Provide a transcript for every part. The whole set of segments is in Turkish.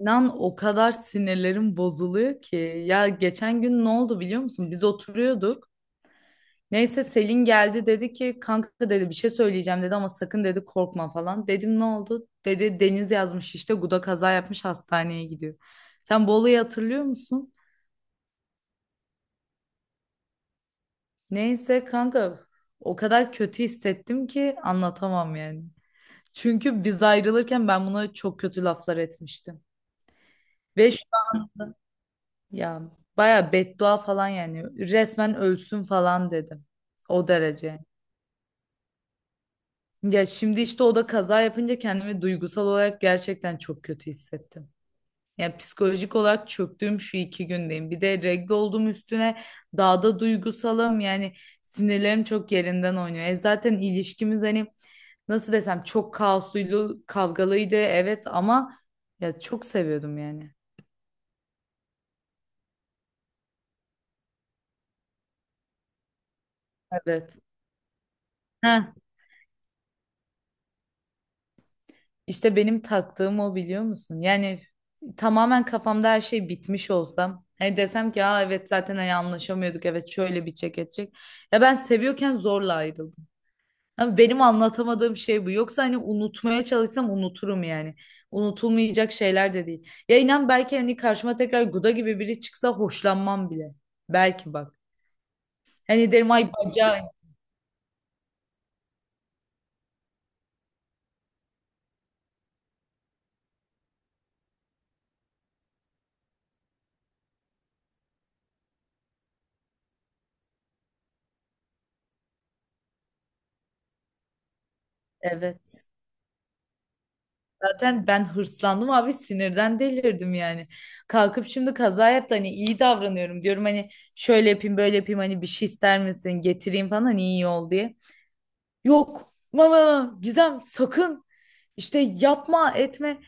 İnan o kadar sinirlerim bozuluyor ki. Ya geçen gün ne oldu biliyor musun? Biz oturuyorduk. Neyse Selin geldi dedi ki kanka dedi bir şey söyleyeceğim dedi ama sakın dedi korkma falan. Dedim ne oldu? Dedi Deniz yazmış işte Guda kaza yapmış hastaneye gidiyor. Sen bu olayı hatırlıyor musun? Neyse kanka o kadar kötü hissettim ki anlatamam yani. Çünkü biz ayrılırken ben buna çok kötü laflar etmiştim. Ve ya baya beddua falan yani resmen ölsün falan dedim. O derece. Ya şimdi işte o da kaza yapınca kendimi duygusal olarak gerçekten çok kötü hissettim. Yani psikolojik olarak çöktüğüm şu iki gündeyim. Bir de regle olduğum üstüne daha da duygusalım. Yani sinirlerim çok yerinden oynuyor. E zaten ilişkimiz hani nasıl desem çok kaosluydu, kavgalıydı, evet, ama ya çok seviyordum yani. Evet. Heh. İşte benim taktığım o, biliyor musun? Yani tamamen kafamda her şey bitmiş olsam. Hani desem ki aa, evet, zaten hani anlaşamıyorduk, evet, şöyle bitecek edecek. Ya ben seviyorken zorla ayrıldım. Ama benim anlatamadığım şey bu. Yoksa hani unutmaya çalışsam unuturum yani. Unutulmayacak şeyler de değil. Ya inan belki hani karşıma tekrar Guda gibi biri çıksa hoşlanmam bile. Belki bak. Hani derim ay bacağı. Evet. Zaten ben hırslandım abi, sinirden delirdim yani. Kalkıp şimdi kaza yaptı, hani iyi davranıyorum diyorum, hani şöyle yapayım böyle yapayım, hani bir şey ister misin getireyim falan, hani iyi ol diye. Yok mama Gizem, sakın işte yapma etme,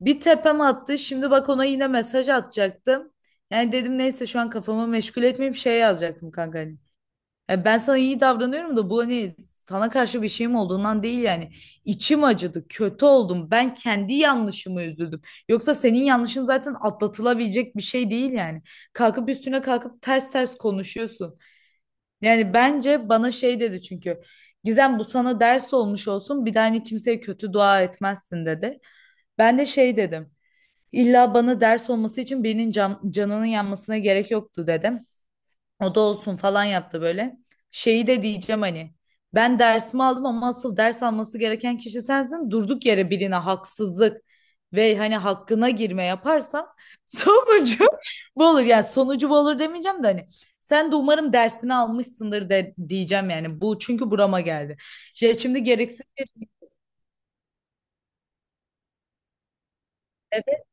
bir tepem attı, şimdi bak ona yine mesaj atacaktım. Yani dedim neyse şu an kafamı meşgul etmeyeyim, şey yazacaktım kanka hani. Ya ben sana iyi davranıyorum da bu hani sana karşı bir şeyim olduğundan değil yani. İçim acıdı, kötü oldum. Ben kendi yanlışımı üzüldüm. Yoksa senin yanlışın zaten atlatılabilecek bir şey değil yani. Kalkıp üstüne kalkıp ters ters konuşuyorsun. Yani bence bana şey dedi, çünkü. Gizem, bu sana ders olmuş olsun. Bir daha hani kimseye kötü dua etmezsin, dedi. Ben de şey dedim. İlla bana ders olması için birinin canının yanmasına gerek yoktu, dedim. O da olsun falan yaptı böyle. Şeyi de diyeceğim hani. Ben dersimi aldım ama asıl ders alması gereken kişi sensin. Durduk yere birine haksızlık ve hani hakkına girme yaparsan sonucu bu olur. Yani sonucu bu olur demeyeceğim de hani sen de umarım dersini almışsındır de diyeceğim yani. Bu çünkü burama geldi. Şey, şimdi gereksiz bir evet,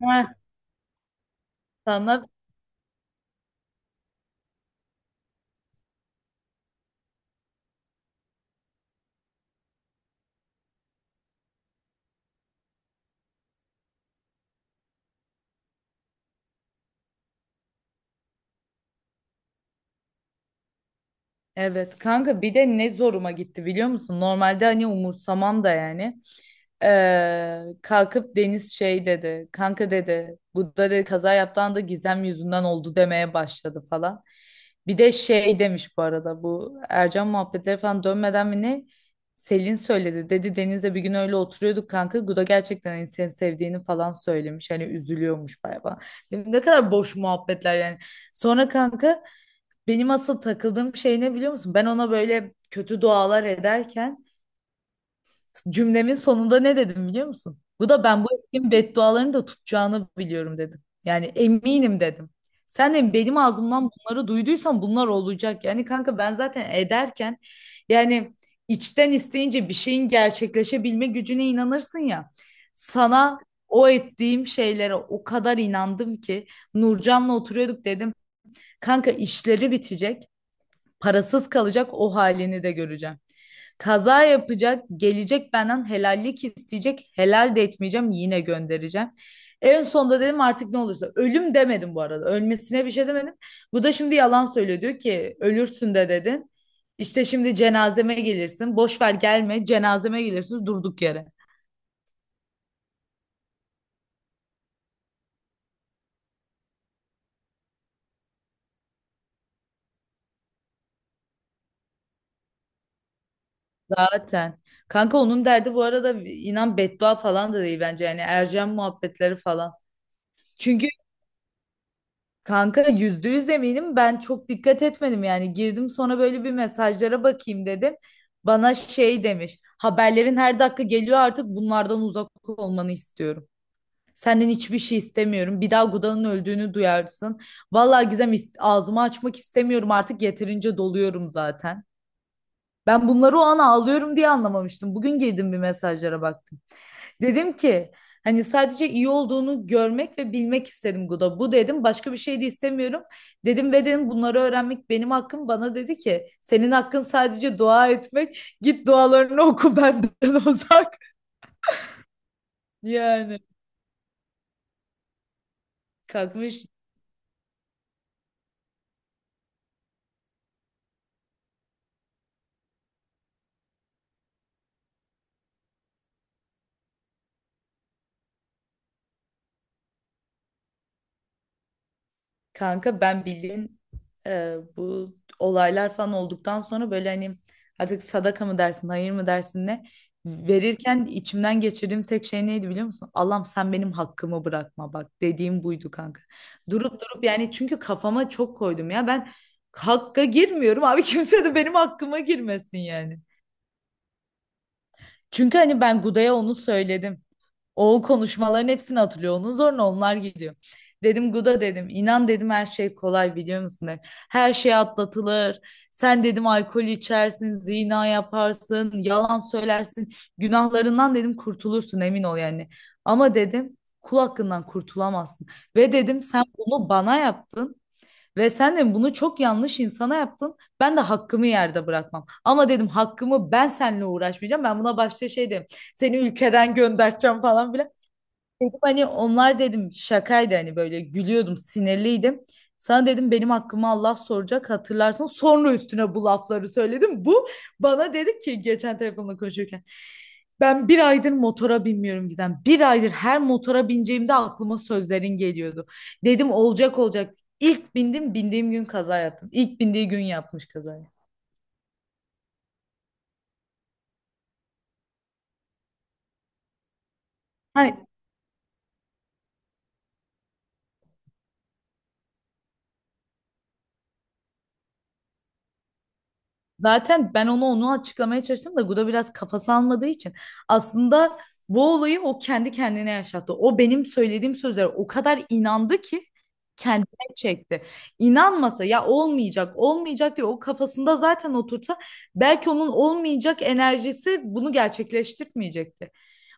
ha, sana evet kanka, bir de ne zoruma gitti biliyor musun? Normalde hani umursamam da yani. Kalkıp Deniz şey dedi. Kanka dedi. Bu da dedi, kaza yaptığı da Gizem yüzünden oldu demeye başladı falan. Bir de şey demiş bu arada, bu Ercan muhabbetleri falan dönmeden mi ne? Selin söyledi. Dedi Deniz'le bir gün öyle oturuyorduk kanka. Guda gerçekten hani seni sevdiğini falan söylemiş. Hani üzülüyormuş bayağı falan. Dedim, ne kadar boş muhabbetler yani. Sonra kanka benim asıl takıldığım şey ne, biliyor musun? Ben ona böyle kötü dualar ederken cümlemin sonunda ne dedim, biliyor musun? Bu da ben bu ettiğim beddualarını da tutacağını biliyorum dedim. Yani eminim dedim. Sen de benim ağzımdan bunları duyduysan bunlar olacak. Yani kanka ben zaten ederken, yani, içten isteyince bir şeyin gerçekleşebilme gücüne inanırsın ya. Sana o ettiğim şeylere o kadar inandım ki Nurcan'la oturuyorduk dedim. Kanka işleri bitecek, parasız kalacak, o halini de göreceğim. Kaza yapacak, gelecek benden helallik isteyecek, helal de etmeyeceğim, yine göndereceğim. En sonunda dedim artık ne olursa. Ölüm demedim bu arada. Ölmesine bir şey demedim. Bu da şimdi yalan söylüyor. Diyor ki ölürsün de dedin. İşte şimdi cenazeme gelirsin. Boş ver gelme. Cenazeme gelirsin durduk yere. Zaten. Kanka onun derdi bu arada, inan, beddua falan da değil bence. Yani Ercan muhabbetleri falan. Çünkü kanka yüzde yüz eminim, ben çok dikkat etmedim yani, girdim sonra böyle bir mesajlara bakayım dedim. Bana şey demiş, haberlerin her dakika geliyor, artık bunlardan uzak olmanı istiyorum. Senden hiçbir şey istemiyorum. Bir daha Guda'nın öldüğünü duyarsın. Vallahi Gizem, ağzımı açmak istemiyorum artık, yeterince doluyorum zaten. Ben bunları o an ağlıyorum diye anlamamıştım. Bugün girdim bir mesajlara baktım. Dedim ki hani sadece iyi olduğunu görmek ve bilmek istedim Guda. Bu dedim, başka bir şey de istemiyorum. Dedim ve dedim bunları öğrenmek benim hakkım. Bana dedi ki senin hakkın sadece dua etmek. Git dualarını oku benden uzak. Yani kalkmış. Kanka ben bildiğin bu olaylar falan olduktan sonra böyle hani artık sadaka mı dersin, hayır mı dersin, ne verirken içimden geçirdiğim tek şey neydi biliyor musun? Allah'ım sen benim hakkımı bırakma, bak dediğim buydu kanka. Durup durup yani, çünkü kafama çok koydum ya, ben hakka girmiyorum abi, kimse de benim hakkıma girmesin yani. Çünkü hani ben Guda'ya onu söyledim. O konuşmaların hepsini hatırlıyor. Onun zoruna onlar gidiyor. Dedim Guda dedim, inan dedim her şey kolay biliyor musun dedim. Her şey atlatılır. Sen dedim alkol içersin, zina yaparsın, yalan söylersin. Günahlarından dedim kurtulursun, emin ol yani. Ama dedim kul hakkından kurtulamazsın. Ve dedim sen bunu bana yaptın. Ve sen de bunu çok yanlış insana yaptın. Ben de hakkımı yerde bırakmam. Ama dedim hakkımı ben seninle uğraşmayacağım. Ben buna başta şey dedim. Seni ülkeden göndereceğim falan filan. Dedim hani onlar dedim şakaydı, hani böyle gülüyordum, sinirliydim. Sana dedim benim hakkımı Allah soracak, hatırlarsın. Sonra üstüne bu lafları söyledim. Bu bana dedi ki geçen telefonla konuşurken, ben bir aydır motora binmiyorum Gizem. Bir aydır her motora bineceğimde aklıma sözlerin geliyordu. Dedim olacak olacak. İlk bindim, bindiğim gün kaza yaptım. İlk bindiği gün yapmış kazayı. Hayır. Zaten ben onu açıklamaya çalıştım da Guda biraz kafası almadığı için, aslında bu olayı o kendi kendine yaşattı. O benim söylediğim sözlere o kadar inandı ki kendine çekti. İnanmasa ya olmayacak, olmayacak diye o kafasında zaten otursa, belki onun olmayacak enerjisi bunu gerçekleştirmeyecekti.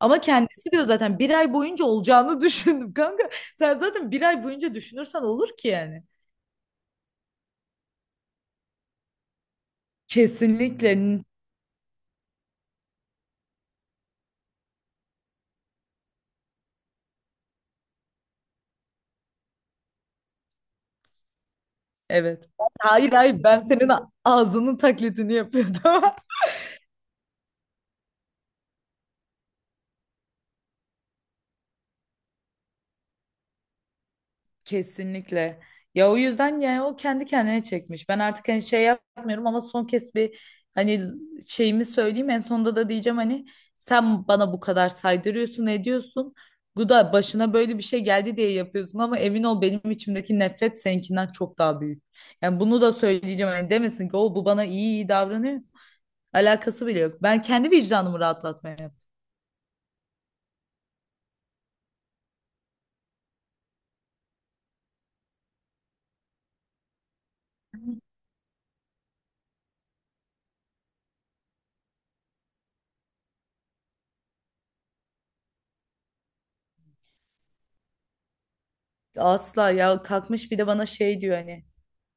Ama kendisi diyor zaten bir ay boyunca olacağını düşündüm kanka. Sen zaten bir ay boyunca düşünürsen olur ki yani. Kesinlikle. Evet. Hayır, hayır, ben senin ağzının taklidini yapıyordum. Kesinlikle. Ya o yüzden yani o kendi kendine çekmiş. Ben artık hani şey yapmıyorum ama son kez bir, hani, şeyimi söyleyeyim. En sonunda da diyeceğim hani sen bana bu kadar saydırıyorsun, ediyorsun. Bu da başına böyle bir şey geldi diye yapıyorsun ama emin ol benim içimdeki nefret seninkinden çok daha büyük. Yani bunu da söyleyeceğim, hani demesin ki o bu bana iyi iyi davranıyor. Alakası bile yok. Ben kendi vicdanımı rahatlatmaya yaptım. Asla. Ya kalkmış bir de bana şey diyor, hani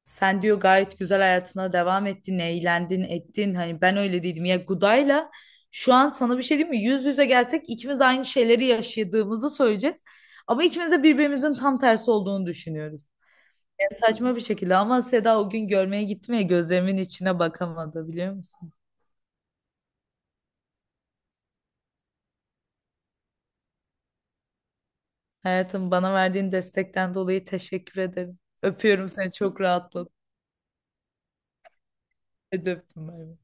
sen diyor gayet güzel hayatına devam ettin, eğlendin, ettin. Hani ben öyle dedim ya Guda'yla, şu an sana bir şey diyeyim mi? Yüz yüze gelsek ikimiz aynı şeyleri yaşadığımızı söyleyeceğiz. Ama ikimiz de birbirimizin tam tersi olduğunu düşünüyoruz. Ya saçma bir şekilde ama Seda o gün görmeye gitti mi ya, gözlerimin içine bakamadı biliyor musun? Hayatım, bana verdiğin destekten dolayı teşekkür ederim. Öpüyorum seni, çok rahatladım. Hadi öptüm. Bay bay.